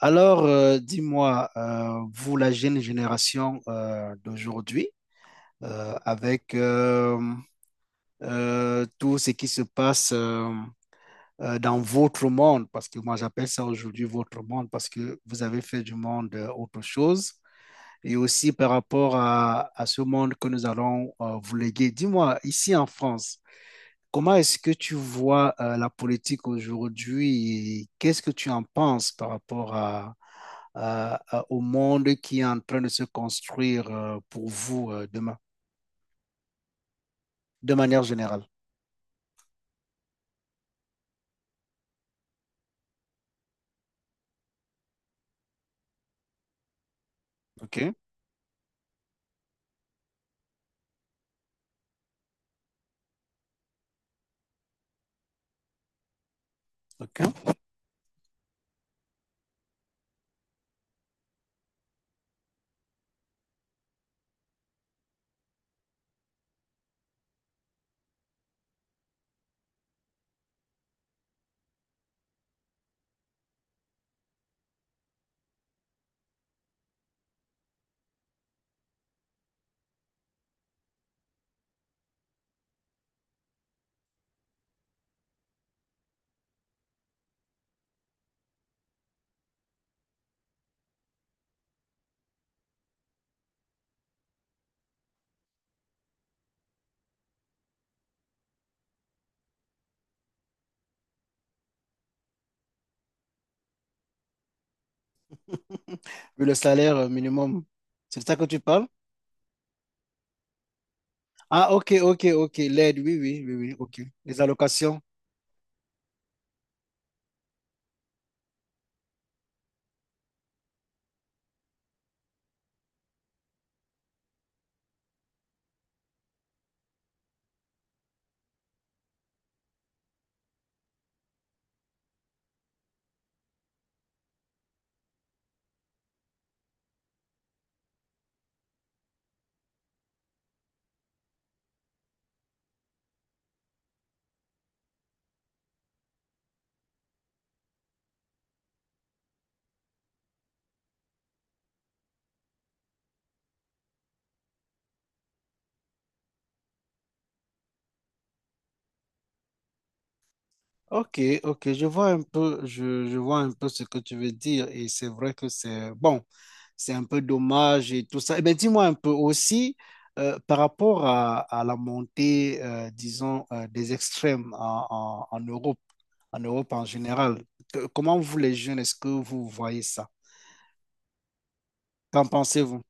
Alors, dis-moi, vous, la jeune génération d'aujourd'hui, avec tout ce qui se passe dans votre monde, parce que moi j'appelle ça aujourd'hui votre monde, parce que vous avez fait du monde autre chose, et aussi par rapport à ce monde que nous allons vous léguer. Dis-moi, ici en France, comment est-ce que tu vois la politique aujourd'hui et qu'est-ce que tu en penses par rapport au monde qui est en train de se construire pour vous demain, de manière générale? OK, OK. Vu le salaire minimum, c'est de ça que tu parles? Ah, OK, OK, OK. L'aide, oui, oui, oui, oui, OK. Les allocations. Ok, ok, je vois un peu, je vois un peu ce que tu veux dire et c'est vrai que c'est bon, c'est un peu dommage et tout ça. Eh bien, dis-moi un peu aussi par rapport à la montée, disons, des extrêmes en Europe, en Europe en général. Que- comment vous les jeunes, est-ce que vous voyez ça? Qu'en pensez-vous?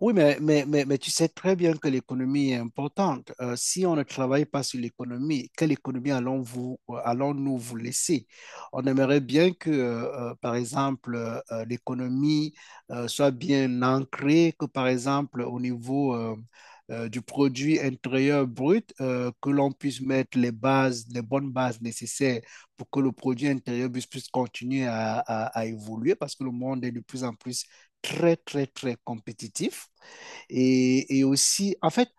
Oui, mais tu sais très bien que l'économie est importante. Si on ne travaille pas sur l'économie, quelle économie allons vous, allons-nous vous laisser? On aimerait bien que, par exemple, l'économie soit bien ancrée, que, par exemple, au niveau du produit intérieur brut, que l'on puisse mettre les bases, les bonnes bases nécessaires pour que le produit intérieur puisse continuer à évoluer, parce que le monde est de plus en plus très, très, très compétitif. Et aussi, en fait,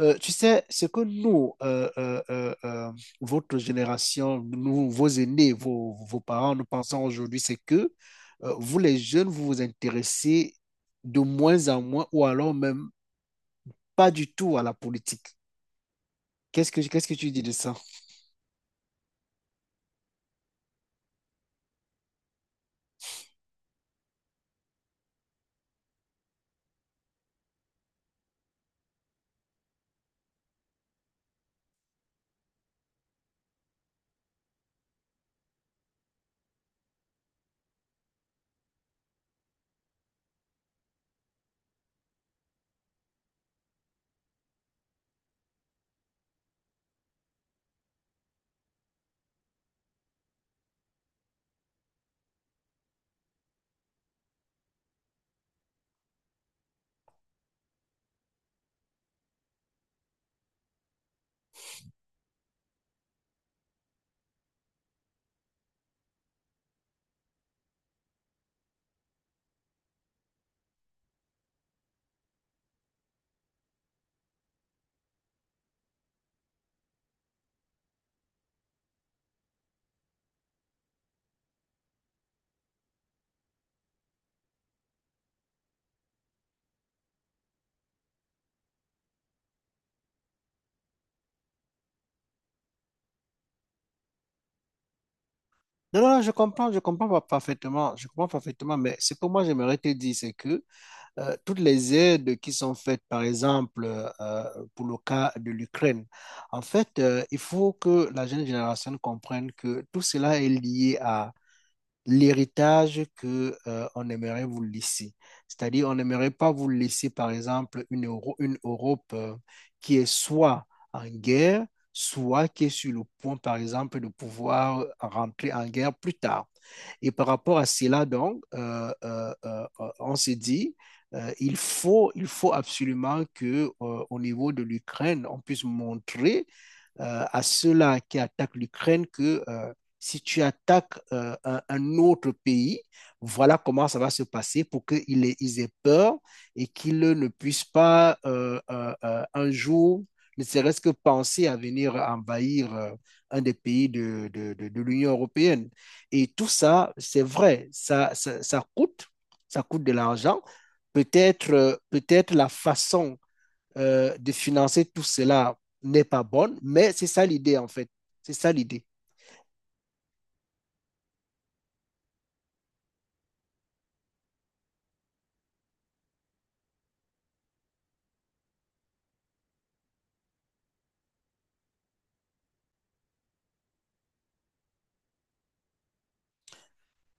tu sais, ce que nous, votre génération, nous, vos aînés, vos parents, nous pensons aujourd'hui, c'est que vous, les jeunes, vous vous intéressez de moins en moins ou alors même pas du tout à la politique. Qu'est-ce que tu dis de ça? Non, non, non, je comprends pas parfaitement, je comprends parfaitement, mais ce que moi, j'aimerais te dire, c'est que toutes les aides qui sont faites, par exemple, pour le cas de l'Ukraine. En fait, il faut que la jeune génération comprenne que tout cela est lié à l'héritage que on aimerait vous laisser. C'est-à-dire, on n'aimerait pas vous laisser, par exemple, une Europe qui est soit en guerre, soit qui est sur le point, par exemple, de pouvoir rentrer en guerre plus tard. Et par rapport à cela, donc, on s'est dit, il faut absolument que, au niveau de l'Ukraine, on puisse montrer à ceux-là qui attaquent l'Ukraine que si tu attaques un, autre pays, voilà comment ça va se passer pour ils aient peur et qu'ils ne puissent pas un jour, ne serait-ce que penser à venir envahir un des pays de l'Union européenne. Et tout ça, c'est vrai, ça coûte, ça coûte de l'argent. Peut-être la façon de financer tout cela n'est pas bonne, mais c'est ça l'idée en fait. C'est ça l'idée.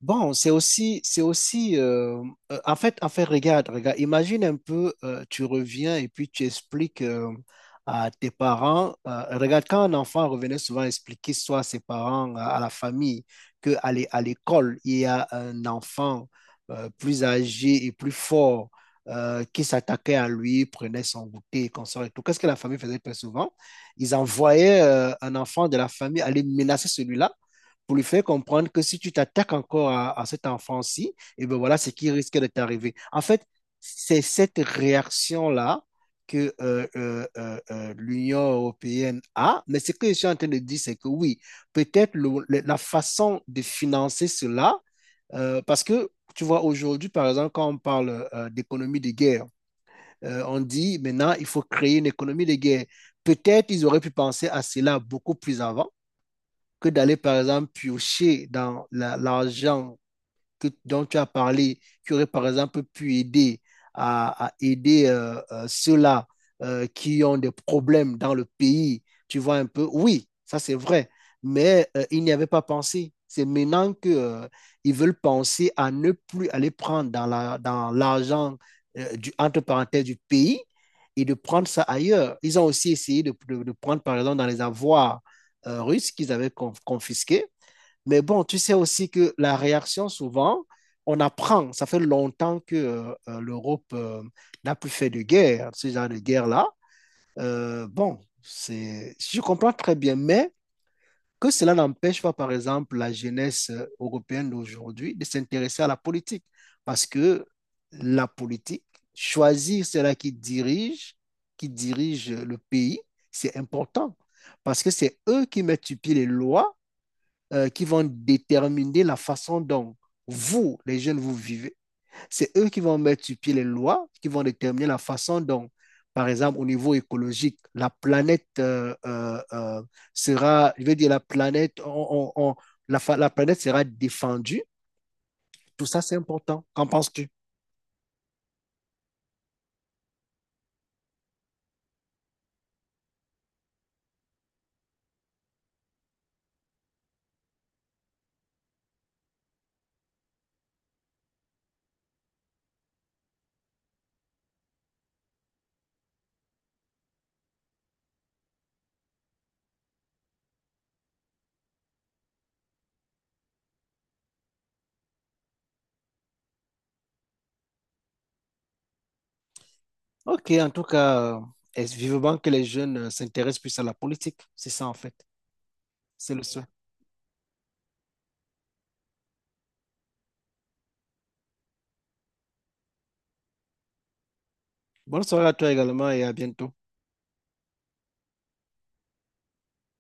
Bon, c'est aussi, en fait, regarde, regarde, imagine un peu, tu reviens et puis tu expliques à tes parents, regarde, quand un enfant revenait souvent expliquer soit à ses parents, à la famille, que à l'école, il y a un enfant plus âgé et plus fort qui s'attaquait à lui, prenait son goûter, consort et tout. Qu'est-ce que la famille faisait très souvent? Ils envoyaient un enfant de la famille aller menacer celui-là pour lui faire comprendre que si tu t'attaques encore à cet enfant-ci, et ben voilà ce qui risque de t'arriver. En fait, c'est cette réaction-là que l'Union européenne a, mais ce que je suis en train de dire, c'est que oui, peut-être la façon de financer cela, parce que tu vois, aujourd'hui, par exemple, quand on parle d'économie de guerre, on dit maintenant, il faut créer une économie de guerre. Peut-être ils auraient pu penser à cela beaucoup plus avant que d'aller, par exemple, piocher l'argent dont tu as parlé, qui aurait par exemple pu aider à aider ceux-là qui ont des problèmes dans le pays. Tu vois un peu, oui, ça c'est vrai, mais ils n'y avaient pas pensé. C'est maintenant qu'ils ils veulent penser à ne plus aller prendre dans l'argent du, entre parenthèses du pays et de prendre ça ailleurs. Ils ont aussi essayé de prendre, par exemple, dans les avoirs russes qu'ils avaient confisqués mais bon, tu sais aussi que la réaction, souvent, on apprend. Ça fait longtemps que l'Europe n'a plus fait de guerre, ce genre de guerre-là. Bon, c'est, je comprends très bien, mais que cela n'empêche pas, par exemple, la jeunesse européenne d'aujourd'hui de s'intéresser à la politique. Parce que la politique, choisir cela qui dirige le pays, c'est important. Parce que c'est eux qui mettent sur pied les lois qui vont déterminer la façon dont vous, les jeunes, vous vivez. C'est eux qui vont mettre sur pied les lois, qui vont déterminer la façon dont, par exemple, au niveau écologique, la planète sera, je veux dire, la planète, la planète sera défendue. Tout ça, c'est important. Qu'en penses-tu? Ok, en tout cas, est vivement que les jeunes s'intéressent plus à la politique. C'est ça, en fait. C'est le souhait. Bonne soirée à toi également et à bientôt.